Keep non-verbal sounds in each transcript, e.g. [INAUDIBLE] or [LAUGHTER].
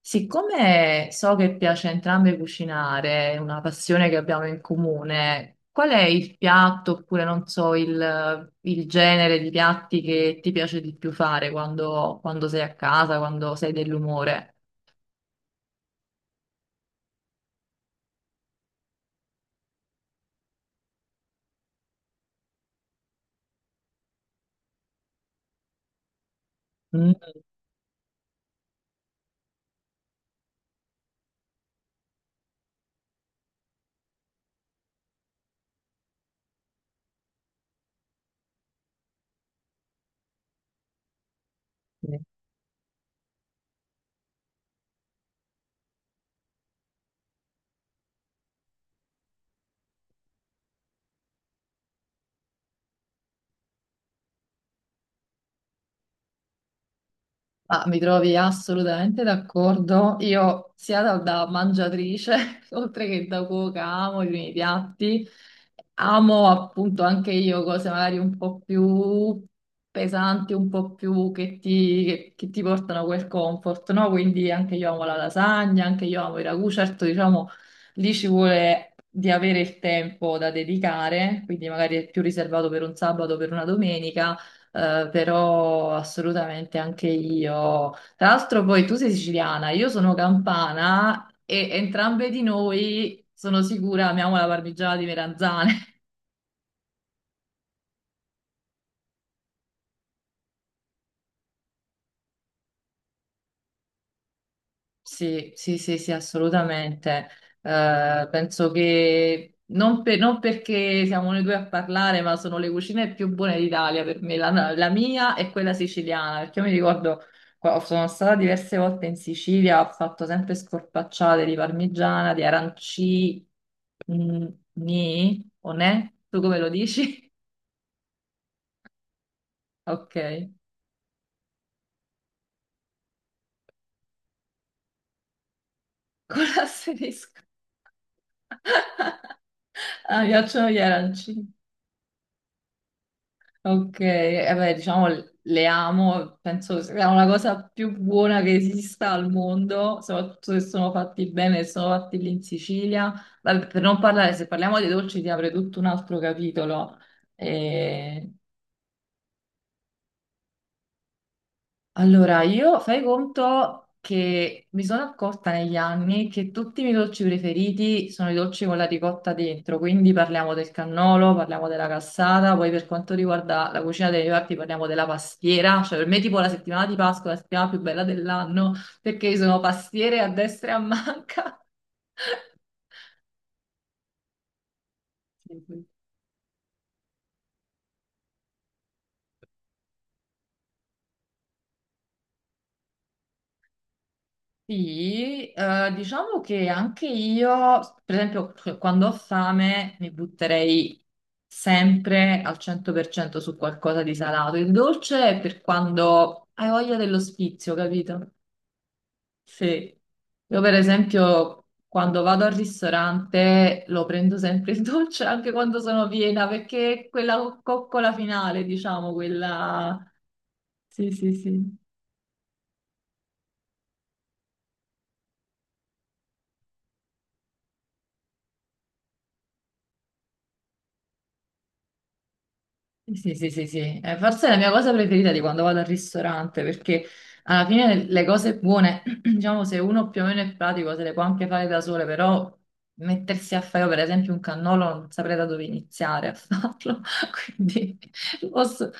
Siccome so che piace a entrambe cucinare, è una passione che abbiamo in comune, qual è il piatto oppure non so il genere di piatti che ti piace di più fare quando, quando sei a casa, quando sei dell'umore? Mm. Ah, mi trovi assolutamente d'accordo. Io sia da mangiatrice, [LAUGHS] oltre che da cuoca, amo i miei piatti. Amo appunto anche io cose magari un po' più pesanti, un po' più che ti portano quel comfort, no? Quindi anche io amo la lasagna, anche io amo i ragù. Certo, diciamo, lì ci vuole di avere il tempo da dedicare, quindi magari è più riservato per un sabato o per una domenica però assolutamente anche io. Tra l'altro, poi tu sei siciliana, io sono campana e entrambe di noi sono sicura amiamo la parmigiana di meranzane. [LAUGHS] Sì, sì, sì, sì, assolutamente. Penso che non perché siamo noi due a parlare, ma sono le cucine più buone d'Italia per me, la mia e quella siciliana, perché io mi ricordo. Sono stata diverse volte in Sicilia, ho fatto sempre scorpacciate di parmigiana, di aranci. Mm. Ni o ne? Tu come lo dici? [LAUGHS] Ok, con l'asterisco. [LAUGHS] Ah, mi piacciono gli arancini. Ok, eh beh, diciamo le amo, penso sia una cosa più buona che esista al mondo, soprattutto se sono fatti bene, se sono fatti lì in Sicilia. Vabbè, per non parlare, se parliamo di dolci ti apre tutto un altro capitolo. Allora, io fai conto che mi sono accorta negli anni che tutti i miei dolci preferiti sono i dolci con la ricotta dentro, quindi parliamo del cannolo, parliamo della cassata, poi per quanto riguarda la cucina dei reparti parliamo della pastiera, cioè per me tipo la settimana di Pasqua è la settimana più bella dell'anno perché ci sono pastiere a destra e a manca. [LAUGHS] Sì, diciamo che anche io, per esempio, cioè, quando ho fame mi butterei sempre al 100% su qualcosa di salato. Il dolce è per quando hai voglia dello spizio, capito? Sì. Io per esempio quando vado al ristorante lo prendo sempre il dolce anche quando sono piena, perché è quella coccola finale, diciamo, quella... Sì, sì, sì. Sì, sì, sì, sì. Forse è la mia cosa preferita di quando vado al ristorante, perché alla fine le cose buone, [CLEARS THROAT] diciamo, se uno più o meno è pratico, se le può anche fare da sole, però mettersi a fare, io, per esempio, un cannolo, non saprei da dove iniziare a farlo. [LAUGHS] Quindi, posso-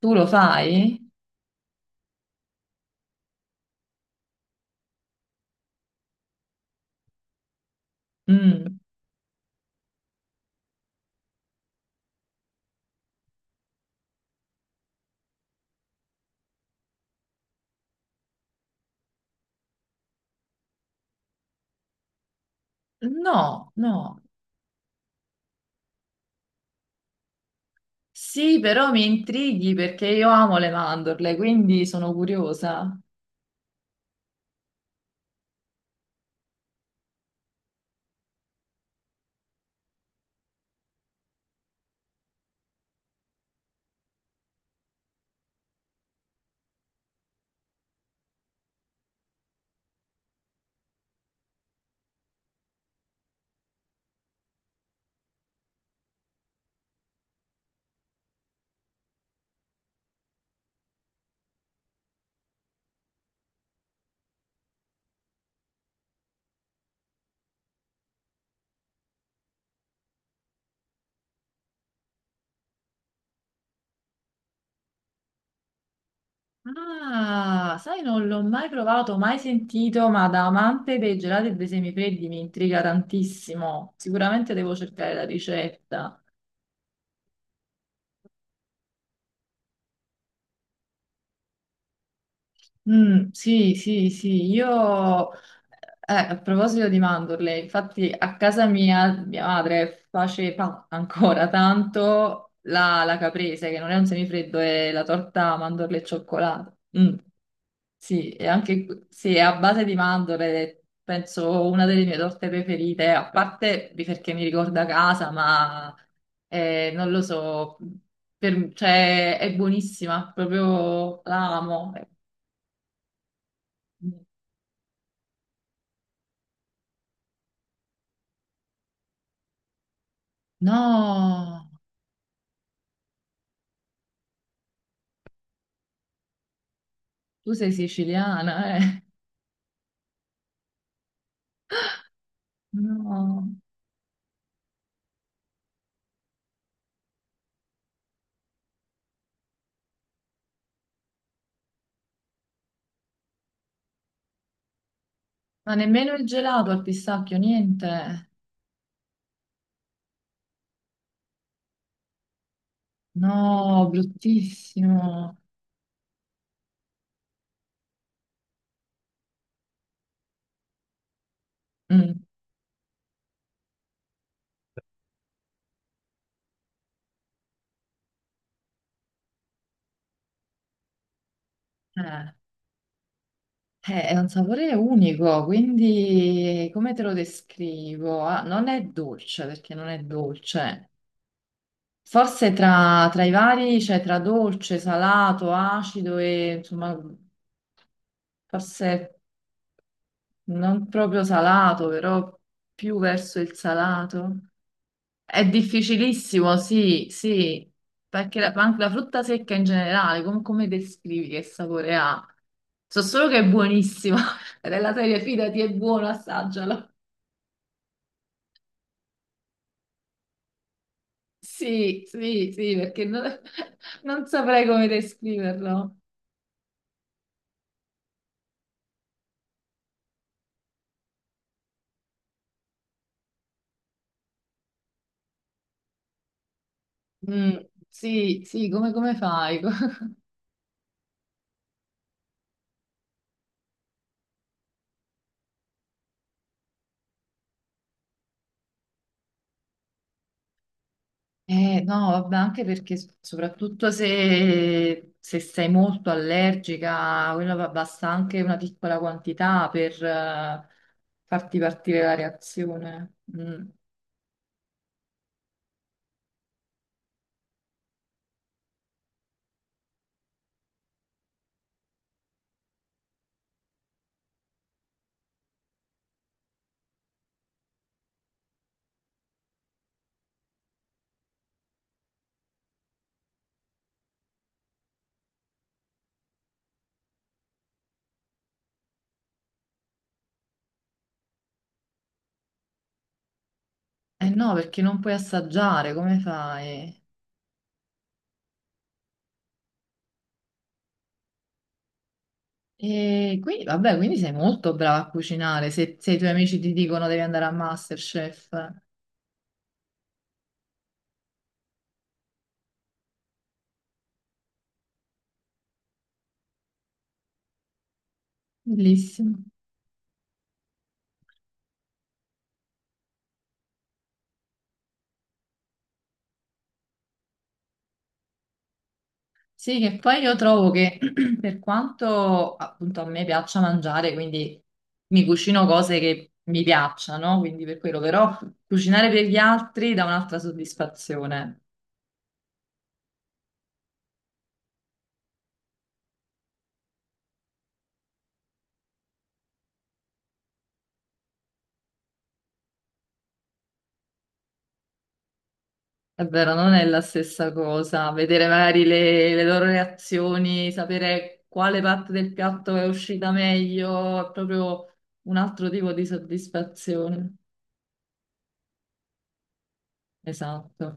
tu lo fai? Mm. No, no. Sì, però mi intrighi perché io amo le mandorle, quindi sono curiosa. Ah, sai, non l'ho mai provato, mai sentito, ma da amante dei gelati e dei semifreddi mi intriga tantissimo. Sicuramente devo cercare la ricetta. Mm, sì, sì, sì, io... a proposito di mandorle, infatti a casa mia, mia madre faceva ancora tanto la caprese, che non è un semifreddo, è la torta mandorle e cioccolato. Mm. Sì, e anche sì, è a base di mandorle, penso una delle mie torte preferite, a parte di perché mi ricorda casa, ma non lo so, cioè, è buonissima, proprio la amo. No, tu sei siciliana, eh? No, ma nemmeno il gelato al pistacchio, niente. No, bruttissimo. Mm, eh. È un sapore unico, quindi come te lo descrivo? Ah, non è dolce perché non è dolce. Forse tra i vari, cioè tra dolce, salato, acido e insomma, forse non proprio salato, però più verso il salato. È difficilissimo, sì, sì, perché ma anche la frutta secca in generale, come descrivi che sapore ha? So solo che è buonissima, [LAUGHS] della serie fidati, è buono, assaggialo. Sì, sì, sì, perché non, [LAUGHS] non saprei come descriverlo. Mm, sì, sì, come, come fai? [LAUGHS] No, vabbè, anche perché soprattutto se, se sei molto allergica, quello basta anche una piccola quantità per farti partire la reazione. Mm. Eh no, perché non puoi assaggiare, come fai? E quindi, vabbè, quindi sei molto brava a cucinare. Se, se i tuoi amici ti dicono devi andare a MasterChef. Bellissimo. Sì, che poi io trovo che [CLEARS THROAT] per quanto appunto a me piaccia mangiare, quindi mi cucino cose che mi piacciono, quindi per quello, però cucinare per gli altri dà un'altra soddisfazione. È vero, non è la stessa cosa. Vedere magari le loro reazioni, sapere quale parte del piatto è uscita meglio, è proprio un altro tipo di soddisfazione. Esatto.